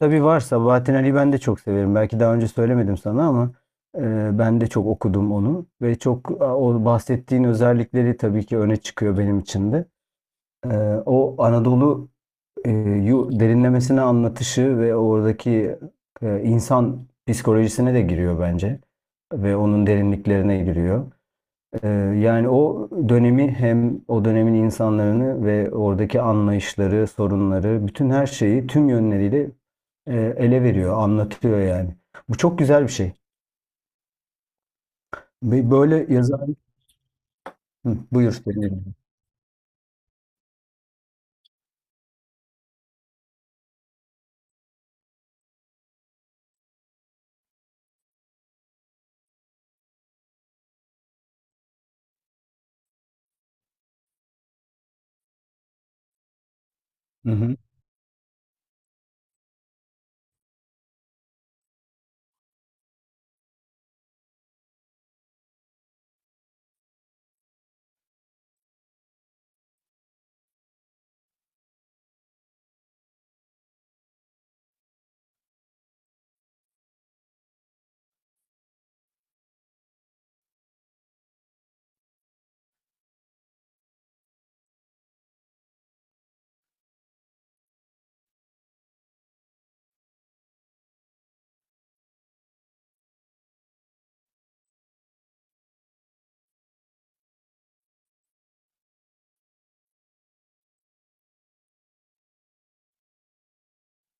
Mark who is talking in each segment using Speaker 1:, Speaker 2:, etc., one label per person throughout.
Speaker 1: Tabii var. Sabahattin Ali'yi ben de çok severim. Belki daha önce söylemedim sana ama ben de çok okudum onu. Ve çok o bahsettiğin özellikleri tabii ki öne çıkıyor benim için de. E, O Anadolu e, derinlemesine anlatışı ve oradaki insan psikolojisine de giriyor bence. Ve onun derinliklerine giriyor. Ee, Yani o dönemi hem o dönemin insanlarını ve oradaki anlayışları, sorunları, bütün her şeyi tüm yönleriyle ele veriyor, anlatıyor yani. Bu çok güzel bir şey. Ve böyle yazar... Hı, buyur, seni dinliyorum.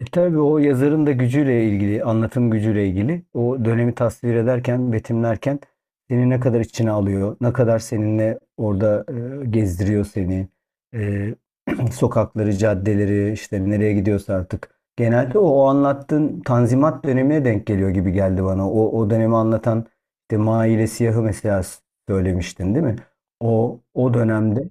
Speaker 1: E tabii o yazarın da gücüyle ilgili, anlatım gücüyle ilgili. O dönemi tasvir ederken, betimlerken seni ne kadar içine alıyor, ne kadar seninle orada gezdiriyor seni. E, sokakları, caddeleri, işte nereye gidiyorsa artık. Genelde o anlattığın Tanzimat dönemine denk geliyor gibi geldi bana. O dönemi anlatan işte Maile Siyah'ı mesela söylemiştin değil mi? O dönemde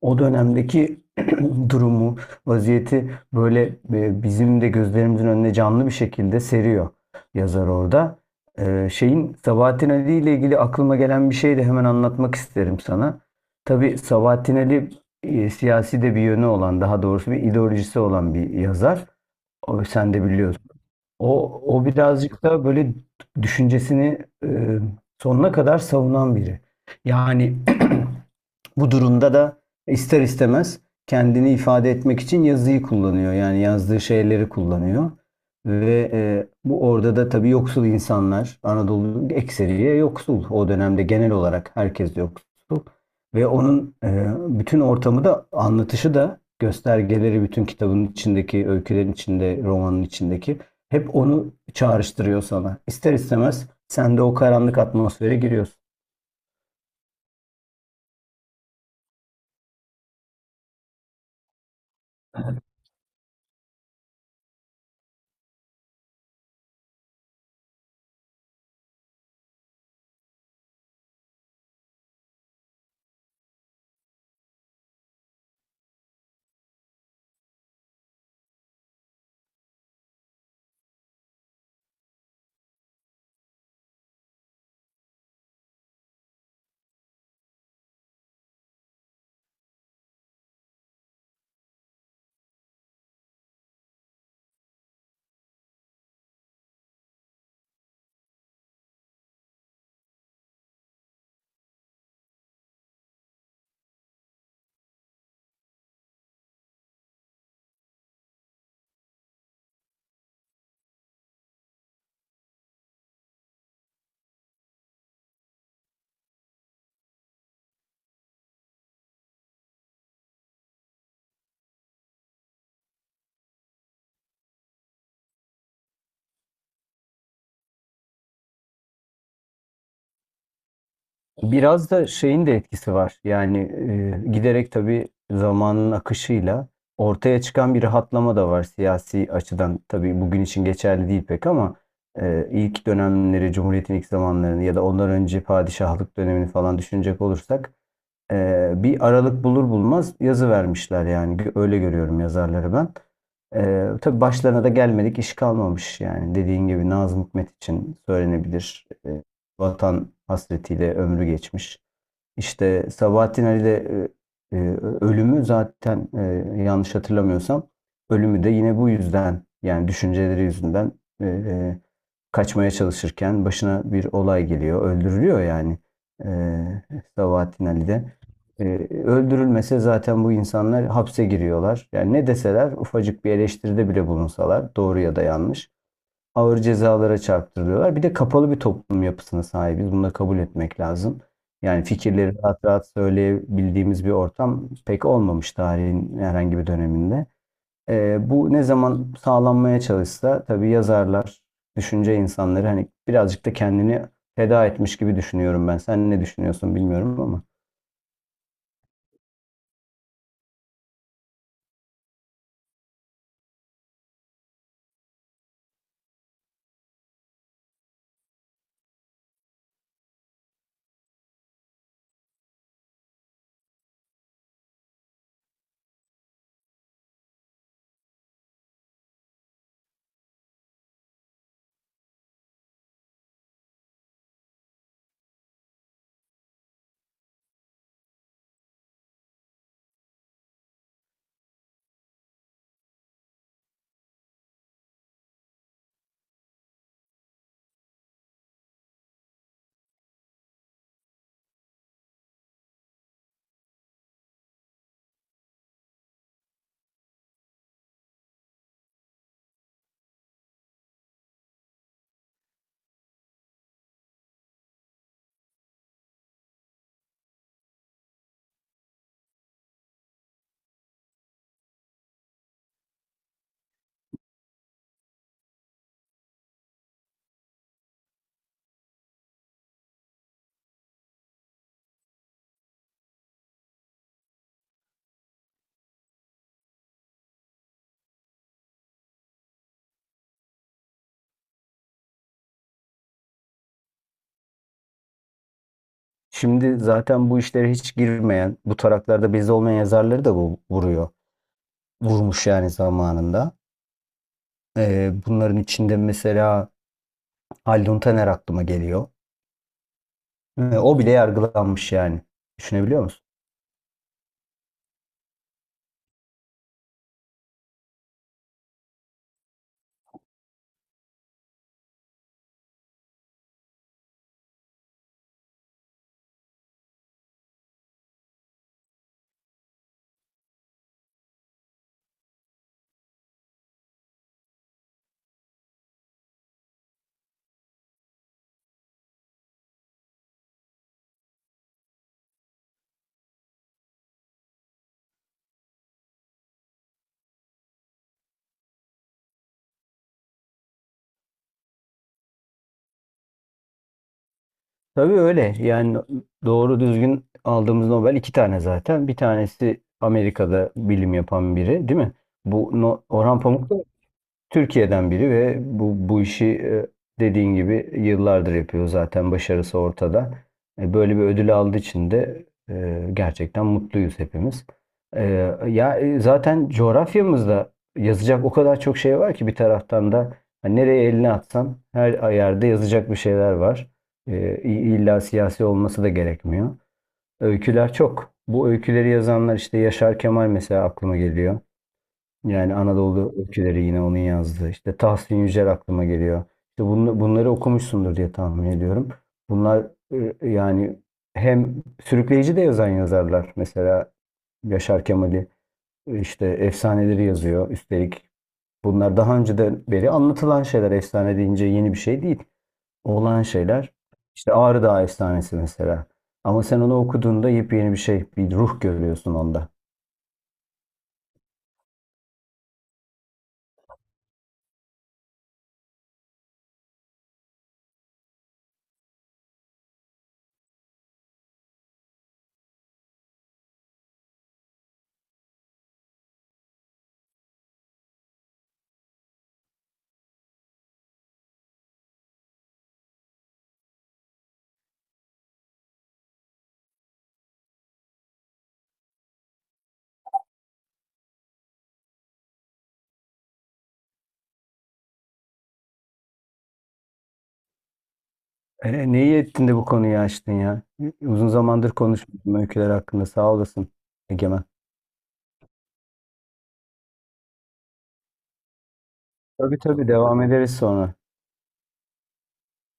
Speaker 1: o dönemdeki durumu, vaziyeti böyle bizim de gözlerimizin önüne canlı bir şekilde seriyor yazar orada. Şeyin Sabahattin Ali ile ilgili aklıma gelen bir şey de hemen anlatmak isterim sana. Tabii Sabahattin Ali siyasi de bir yönü olan, daha doğrusu bir ideolojisi olan bir yazar. O, sen de biliyorsun. O birazcık da böyle düşüncesini e, sonuna kadar savunan biri. Yani bu durumda da ister istemez kendini ifade etmek için yazıyı kullanıyor. Yani yazdığı şeyleri kullanıyor. Ve bu orada da tabii yoksul insanlar, Anadolu ekseriye yoksul, o dönemde genel olarak herkes yoksul. Ve onun bütün ortamı da anlatışı da göstergeleri bütün kitabın içindeki, öykülerin içinde, romanın içindeki hep onu çağrıştırıyor sana. İster istemez sen de o karanlık atmosfere giriyorsun. Biraz da şeyin de etkisi var. Yani giderek tabii zamanın akışıyla ortaya çıkan bir rahatlama da var siyasi açıdan. Tabii bugün için geçerli değil pek ama ilk dönemleri, Cumhuriyet'in ilk zamanlarını ya da ondan önce padişahlık dönemini falan düşünecek olursak bir aralık bulur bulmaz yazı vermişler yani. Öyle görüyorum yazarları ben. Tabii başlarına da gelmedik iş kalmamış yani. Dediğin gibi Nazım Hikmet için söylenebilir. Vatan hasretiyle ömrü geçmiş. İşte Sabahattin Ali'de e, e, ölümü zaten yanlış hatırlamıyorsam ölümü de yine bu yüzden, yani düşünceleri yüzünden e, e, kaçmaya çalışırken başına bir olay geliyor. Öldürülüyor yani e, Sabahattin Ali'de. E, Öldürülmese zaten bu insanlar hapse giriyorlar. Yani ne deseler, ufacık bir eleştiride bile bulunsalar, doğru ya da yanlış, ağır cezalara çarptırıyorlar. Bir de kapalı bir toplum yapısına sahibiz. Bunu da kabul etmek lazım. Yani fikirleri rahat rahat söyleyebildiğimiz bir ortam pek olmamış tarihin herhangi bir döneminde. Bu ne zaman sağlanmaya çalışsa tabii yazarlar, düşünce insanları hani birazcık da kendini feda etmiş gibi düşünüyorum ben. Sen ne düşünüyorsun bilmiyorum ama. Şimdi zaten bu işlere hiç girmeyen, bu taraklarda bizde olmayan yazarları da bu vuruyor. Vurmuş yani zamanında. Bunların içinde mesela Haldun Taner aklıma geliyor. O bile yargılanmış yani. Düşünebiliyor musun? Tabii öyle. Yani doğru düzgün aldığımız Nobel iki tane zaten. Bir tanesi Amerika'da bilim yapan biri, değil mi? Bu No- Orhan Pamuk da Türkiye'den biri ve bu işi dediğin gibi yıllardır yapıyor, zaten başarısı ortada. E, böyle bir ödül aldığı için de gerçekten mutluyuz hepimiz. E, Ya, zaten coğrafyamızda yazacak o kadar çok şey var ki, bir taraftan da hani nereye elini atsan her yerde yazacak bir şeyler var. E, İlla siyasi olması da gerekmiyor. Öyküler çok. Bu öyküleri yazanlar işte Yaşar Kemal mesela aklıma geliyor. Yani Anadolu Öyküleri yine onun yazdığı. İşte Tahsin Yücel aklıma geliyor. İşte bunları okumuşsundur diye tahmin ediyorum. Bunlar yani hem sürükleyici de yazan yazarlar. Mesela Yaşar Kemal'i işte efsaneleri yazıyor. Üstelik bunlar daha önceden beri anlatılan şeyler. Efsane deyince yeni bir şey değil. Olan şeyler. İşte Ağrı Dağı Efsanesi mesela. Ama sen onu okuduğunda yepyeni bir şey, bir ruh görüyorsun onda. E, neyi ettin de bu konuyu açtın ya? Uzun zamandır konuşmuyordum öyküler hakkında. Sağ olasın Egemen. Tabii tabii, devam ederiz sonra.